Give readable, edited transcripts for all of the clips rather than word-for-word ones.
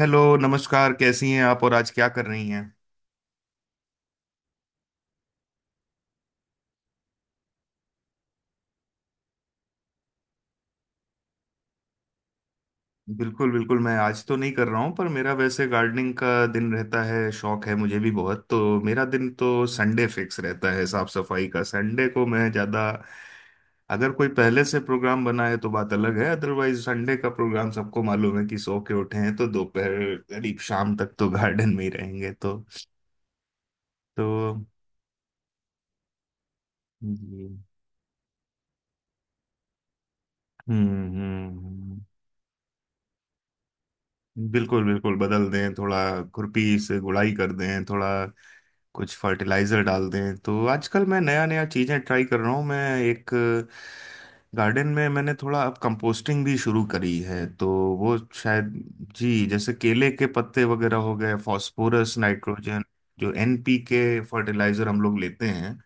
Hello, नमस्कार। कैसी हैं आप और आज क्या कर रही हैं? बिल्कुल बिल्कुल, मैं आज तो नहीं कर रहा हूँ, पर मेरा वैसे गार्डनिंग का दिन रहता है। शौक है मुझे भी बहुत तो। मेरा दिन तो संडे फिक्स रहता है, साफ सफाई का। संडे को मैं ज़्यादा। अगर कोई पहले से प्रोग्राम बना है तो बात अलग है, अदरवाइज संडे का प्रोग्राम सबको मालूम है कि सो के उठे हैं तो दोपहर करीब शाम तक तो गार्डन में ही रहेंगे तो। हम्म। हम्म। हम्म। बिल्कुल बिल्कुल, बदल दें थोड़ा। खुरपी से गुड़ाई कर दें थोड़ा। कुछ फर्टिलाइजर डाल दें तो। आजकल मैं नया नया चीज़ें ट्राई कर रहा हूँ। मैं एक गार्डन में मैंने थोड़ा अब कंपोस्टिंग भी शुरू करी है तो। वो, शायद। जी, जैसे केले के पत्ते वगैरह हो गए, फास्फोरस नाइट्रोजन। जो एनपीके फर्टिलाइजर हम लोग लेते हैं,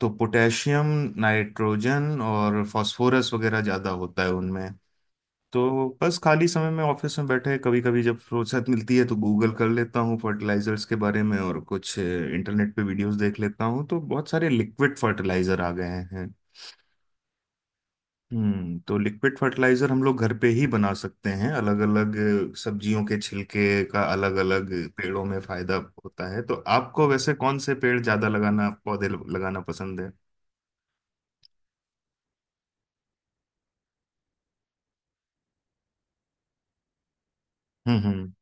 तो पोटेशियम, नाइट्रोजन और फास्फोरस वगैरह ज़्यादा होता है उनमें। तो बस खाली समय में ऑफिस में बैठे, कभी कभी जब फुर्सत मिलती है, तो गूगल कर लेता हूँ फर्टिलाइजर्स के बारे में, और कुछ इंटरनेट पे वीडियोस देख लेता हूँ, तो बहुत सारे लिक्विड फर्टिलाइजर आ गए हैं। तो लिक्विड फर्टिलाइजर हम लोग घर पे ही बना सकते हैं। अलग अलग सब्जियों के छिलके का अलग अलग पेड़ों में फायदा होता है। तो आपको वैसे कौन से पेड़ ज्यादा लगाना, पौधे लगाना पसंद है? हम्म। हम्म।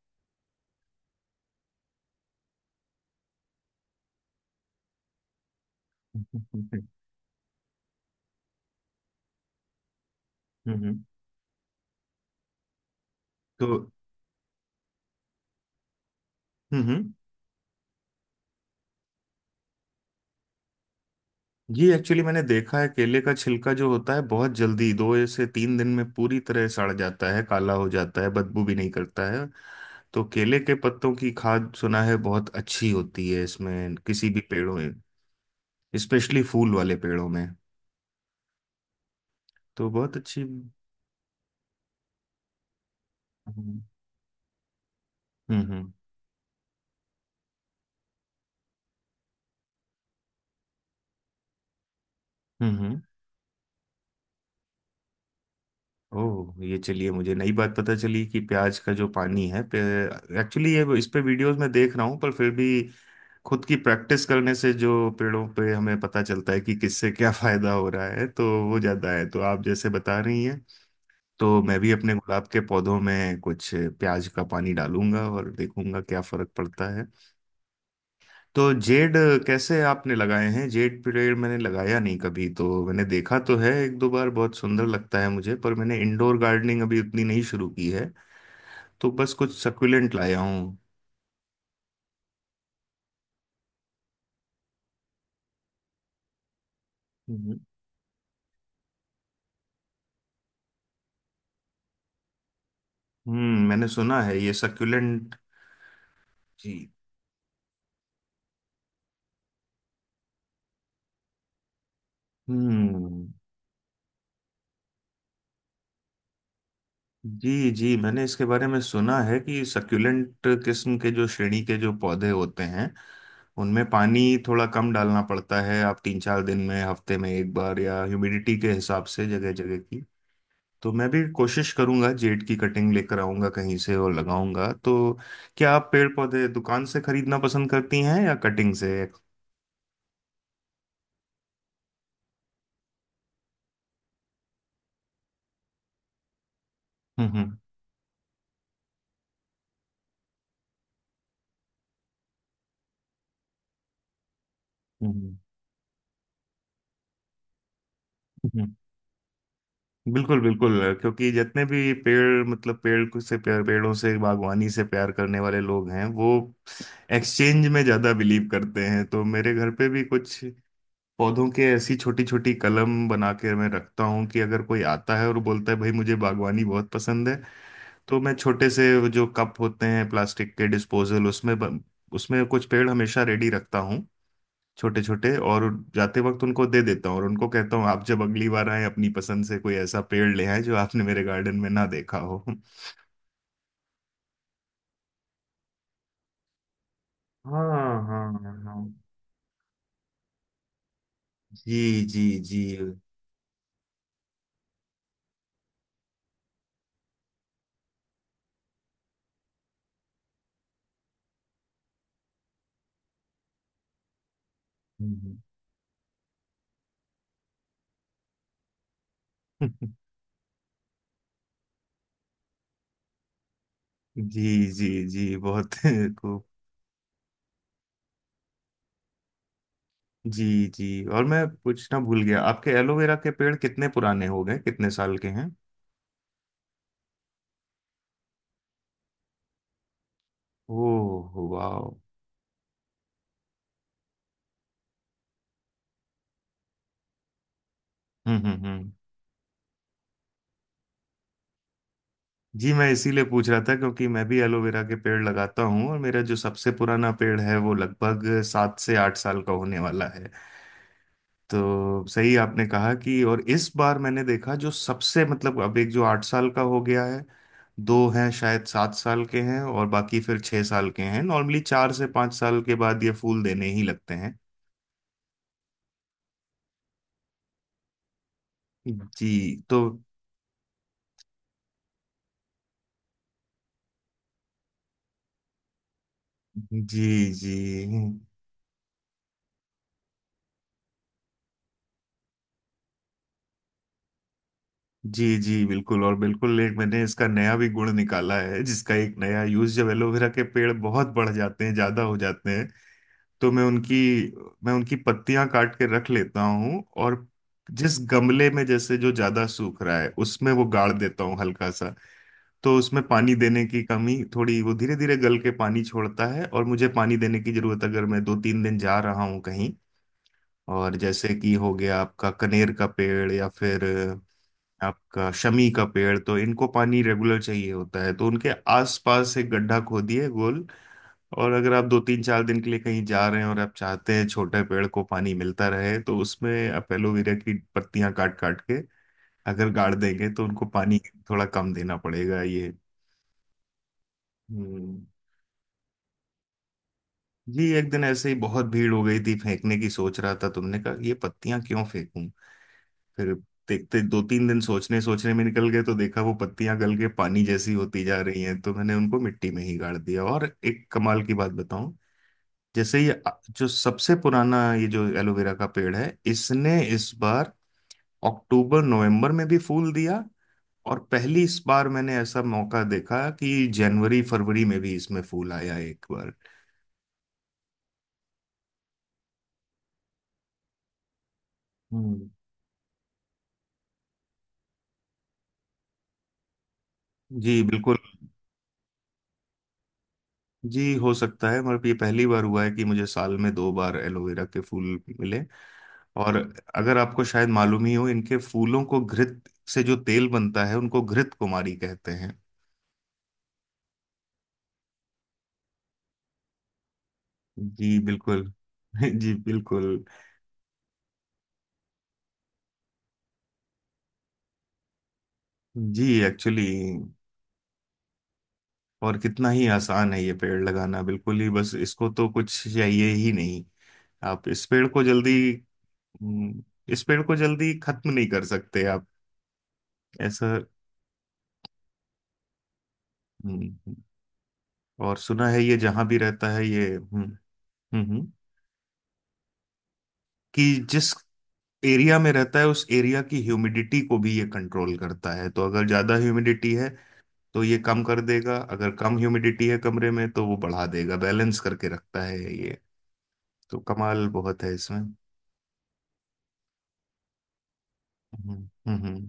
हम्म। हम्म। हम्म। तो। हम्म। हम्म। ये एक्चुअली मैंने देखा है, केले का छिलका जो होता है बहुत जल्दी 2 से 3 दिन में पूरी तरह सड़ जाता है, काला हो जाता है, बदबू भी नहीं करता है। तो केले के पत्तों की खाद सुना है बहुत अच्छी होती है इसमें, किसी भी पेड़ों में। स्पेशली फूल वाले पेड़ों में। तो बहुत अच्छी। हम्म। हम्म। हम्म। हम्म। ओह, ये चलिए मुझे नई बात पता चली कि प्याज का जो पानी है, एक्चुअली ये इस पे वीडियोस में देख रहा हूँ, पर फिर भी खुद की प्रैक्टिस करने से जो पेड़ों पे हमें पता चलता है कि किससे क्या फायदा हो रहा है, तो वो ज्यादा है। तो आप जैसे बता रही हैं, तो मैं भी अपने गुलाब के पौधों में कुछ प्याज का पानी डालूंगा और देखूंगा क्या फर्क पड़ता है। तो जेड कैसे आपने लगाए हैं? जेड पेड़ मैंने लगाया नहीं कभी, तो मैंने देखा तो है एक दो बार, बहुत सुंदर लगता है मुझे, पर मैंने इंडोर गार्डनिंग अभी उतनी नहीं शुरू की है। तो बस कुछ सक्यूलेंट लाया हूँ। हम्म मैंने सुना है ये सक्यूलेंट। जी। हम्म। जी जी, मैंने इसके बारे में सुना है कि सक्यूलेंट किस्म के, जो श्रेणी के जो पौधे होते हैं, उनमें पानी थोड़ा कम डालना पड़ता है। आप 3 4 दिन में, हफ्ते में एक बार, या ह्यूमिडिटी के हिसाब से, जगह जगह की। तो मैं भी कोशिश करूंगा, जेड की कटिंग लेकर आऊंगा कहीं से और लगाऊंगा तो। क्या आप पेड़ पौधे दुकान से खरीदना पसंद करती हैं या कटिंग से? हम्म। हम्म। हम्म। बिल्कुल बिल्कुल, क्योंकि जितने भी पेड़, मतलब से प्यार, पेड़ों से बागवानी से प्यार करने वाले लोग हैं, वो एक्सचेंज में ज़्यादा बिलीव करते हैं। तो मेरे घर पे भी कुछ पौधों के ऐसी छोटी छोटी कलम बना के मैं रखता हूँ, कि अगर कोई आता है और बोलता है भाई मुझे बागवानी बहुत पसंद है, तो मैं छोटे से वो जो कप होते हैं प्लास्टिक के डिस्पोजल, उसमें उसमें कुछ पेड़ हमेशा रेडी रखता हूँ, छोटे छोटे, और जाते वक्त उनको दे देता हूँ, और उनको कहता हूँ आप जब अगली बार आए अपनी पसंद से कोई ऐसा पेड़ ले आए जो आपने मेरे गार्डन में ना देखा हो। हाँ। हाँ। हाँ। जी जी जी। हम्म। जी जी जी, बहुत खूब। जी जी, और मैं पूछना भूल गया, आपके एलोवेरा के पेड़ कितने पुराने हो गए, कितने साल के हैं? ओह वाह। हम्म। हम्म। हम्म। जी, मैं इसीलिए पूछ रहा था, क्योंकि मैं भी एलोवेरा के पेड़ लगाता हूँ, और मेरा जो सबसे पुराना पेड़ है वो लगभग 7 से 8 साल का होने वाला है। तो सही आपने कहा कि, और इस बार मैंने देखा जो सबसे, मतलब अब एक जो 8 साल का हो गया है, दो हैं शायद 7 साल के हैं, और बाकी फिर 6 साल के हैं। नॉर्मली 4 से 5 साल के बाद ये फूल देने ही लगते हैं। जी। तो। जी। जी। जी। जी बिल्कुल, और बिल्कुल एक मैंने इसका नया भी गुण निकाला है, जिसका एक नया यूज जब एलोवेरा के पेड़ बहुत बढ़ जाते हैं, ज्यादा हो जाते हैं, तो मैं उनकी पत्तियां काट के रख लेता हूँ, और जिस गमले में जैसे जो ज्यादा सूख रहा है, उसमें वो गाड़ देता हूँ हल्का सा, तो उसमें पानी देने की कमी थोड़ी, वो धीरे धीरे गल के पानी छोड़ता है, और मुझे पानी देने की जरूरत, अगर मैं 2 3 दिन जा रहा हूँ कहीं, और जैसे कि हो गया आपका कनेर का पेड़, या फिर आपका शमी का पेड़, तो इनको पानी रेगुलर चाहिए होता है, तो उनके आसपास एक गड्ढा खोदिए गोल, और अगर आप 2 3 4 दिन के लिए कहीं जा रहे हैं, और आप चाहते हैं छोटे पेड़ को पानी मिलता रहे, तो उसमें आप एलोवेरा की पत्तियां काट काट के अगर गाड़ देंगे, तो उनको पानी थोड़ा कम देना पड़ेगा, ये। हम्म जी एक दिन ऐसे ही बहुत भीड़ हो गई थी, फेंकने की सोच रहा था, तुमने कहा ये पत्तियां क्यों फेंकूं, फिर देखते 2 3 दिन सोचने सोचने में निकल गए, तो देखा वो पत्तियां गल के पानी जैसी होती जा रही हैं, तो मैंने उनको मिट्टी में ही गाड़ दिया। और एक कमाल की बात बताऊं, जैसे ये जो सबसे पुराना ये जो एलोवेरा का पेड़ है, इसने इस बार अक्टूबर नवंबर में भी फूल दिया। और पहली इस बार मैंने ऐसा मौका देखा कि जनवरी फरवरी में भी इसमें फूल आया एक बार। हम्म जी बिल्कुल। जी, हो सकता है, मगर ये पहली बार हुआ है कि मुझे साल में 2 बार एलोवेरा के फूल मिले। और अगर आपको शायद मालूम ही हो, इनके फूलों को, घृत से जो तेल बनता है उनको घृत कुमारी कहते हैं। जी बिल्कुल। जी बिल्कुल। जी एक्चुअली, और कितना ही आसान है ये पेड़ लगाना, बिल्कुल ही, बस इसको तो कुछ चाहिए ही नहीं। आप इस पेड़ को जल्दी, हम्म, इस पेड़ को जल्दी खत्म नहीं कर सकते आप, ऐसा। हम्म, और सुना है ये जहाँ भी रहता है ये। हम्म। हम्म। हम्म। कि जिस एरिया में रहता है, उस एरिया की ह्यूमिडिटी को भी ये कंट्रोल करता है, तो अगर ज्यादा ह्यूमिडिटी है तो ये कम कर देगा, अगर कम ह्यूमिडिटी है कमरे में तो वो बढ़ा देगा, बैलेंस करके रखता है ये। तो कमाल बहुत है इसमें। हम्म। हम्म। हम्म।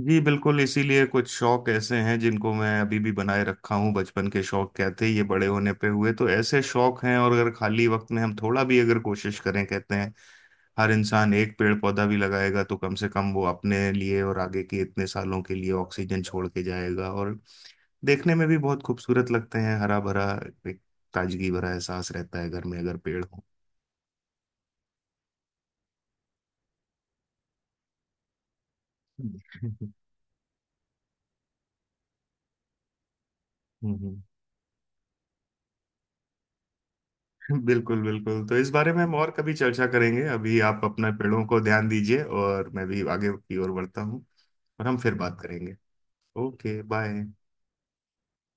जी बिल्कुल, इसीलिए कुछ शौक ऐसे हैं जिनको मैं अभी भी बनाए रखा हूँ, बचपन के शौक क्या थे ये बड़े होने पे हुए तो, ऐसे शौक हैं। और अगर खाली वक्त में हम थोड़ा भी अगर कोशिश करें, कहते हैं हर इंसान एक पेड़ पौधा भी लगाएगा तो कम से कम वो अपने लिए और आगे के इतने सालों के लिए ऑक्सीजन छोड़ के जाएगा। और देखने में भी बहुत खूबसूरत लगते हैं, हरा भरा, एक ताजगी भरा एहसास रहता है घर में अगर पेड़ हो। हम्म, बिल्कुल बिल्कुल, तो इस बारे में हम और कभी चर्चा करेंगे, अभी आप अपने पेड़ों को ध्यान दीजिए और मैं भी आगे की ओर बढ़ता हूँ, और हम फिर बात करेंगे। Okay, bye.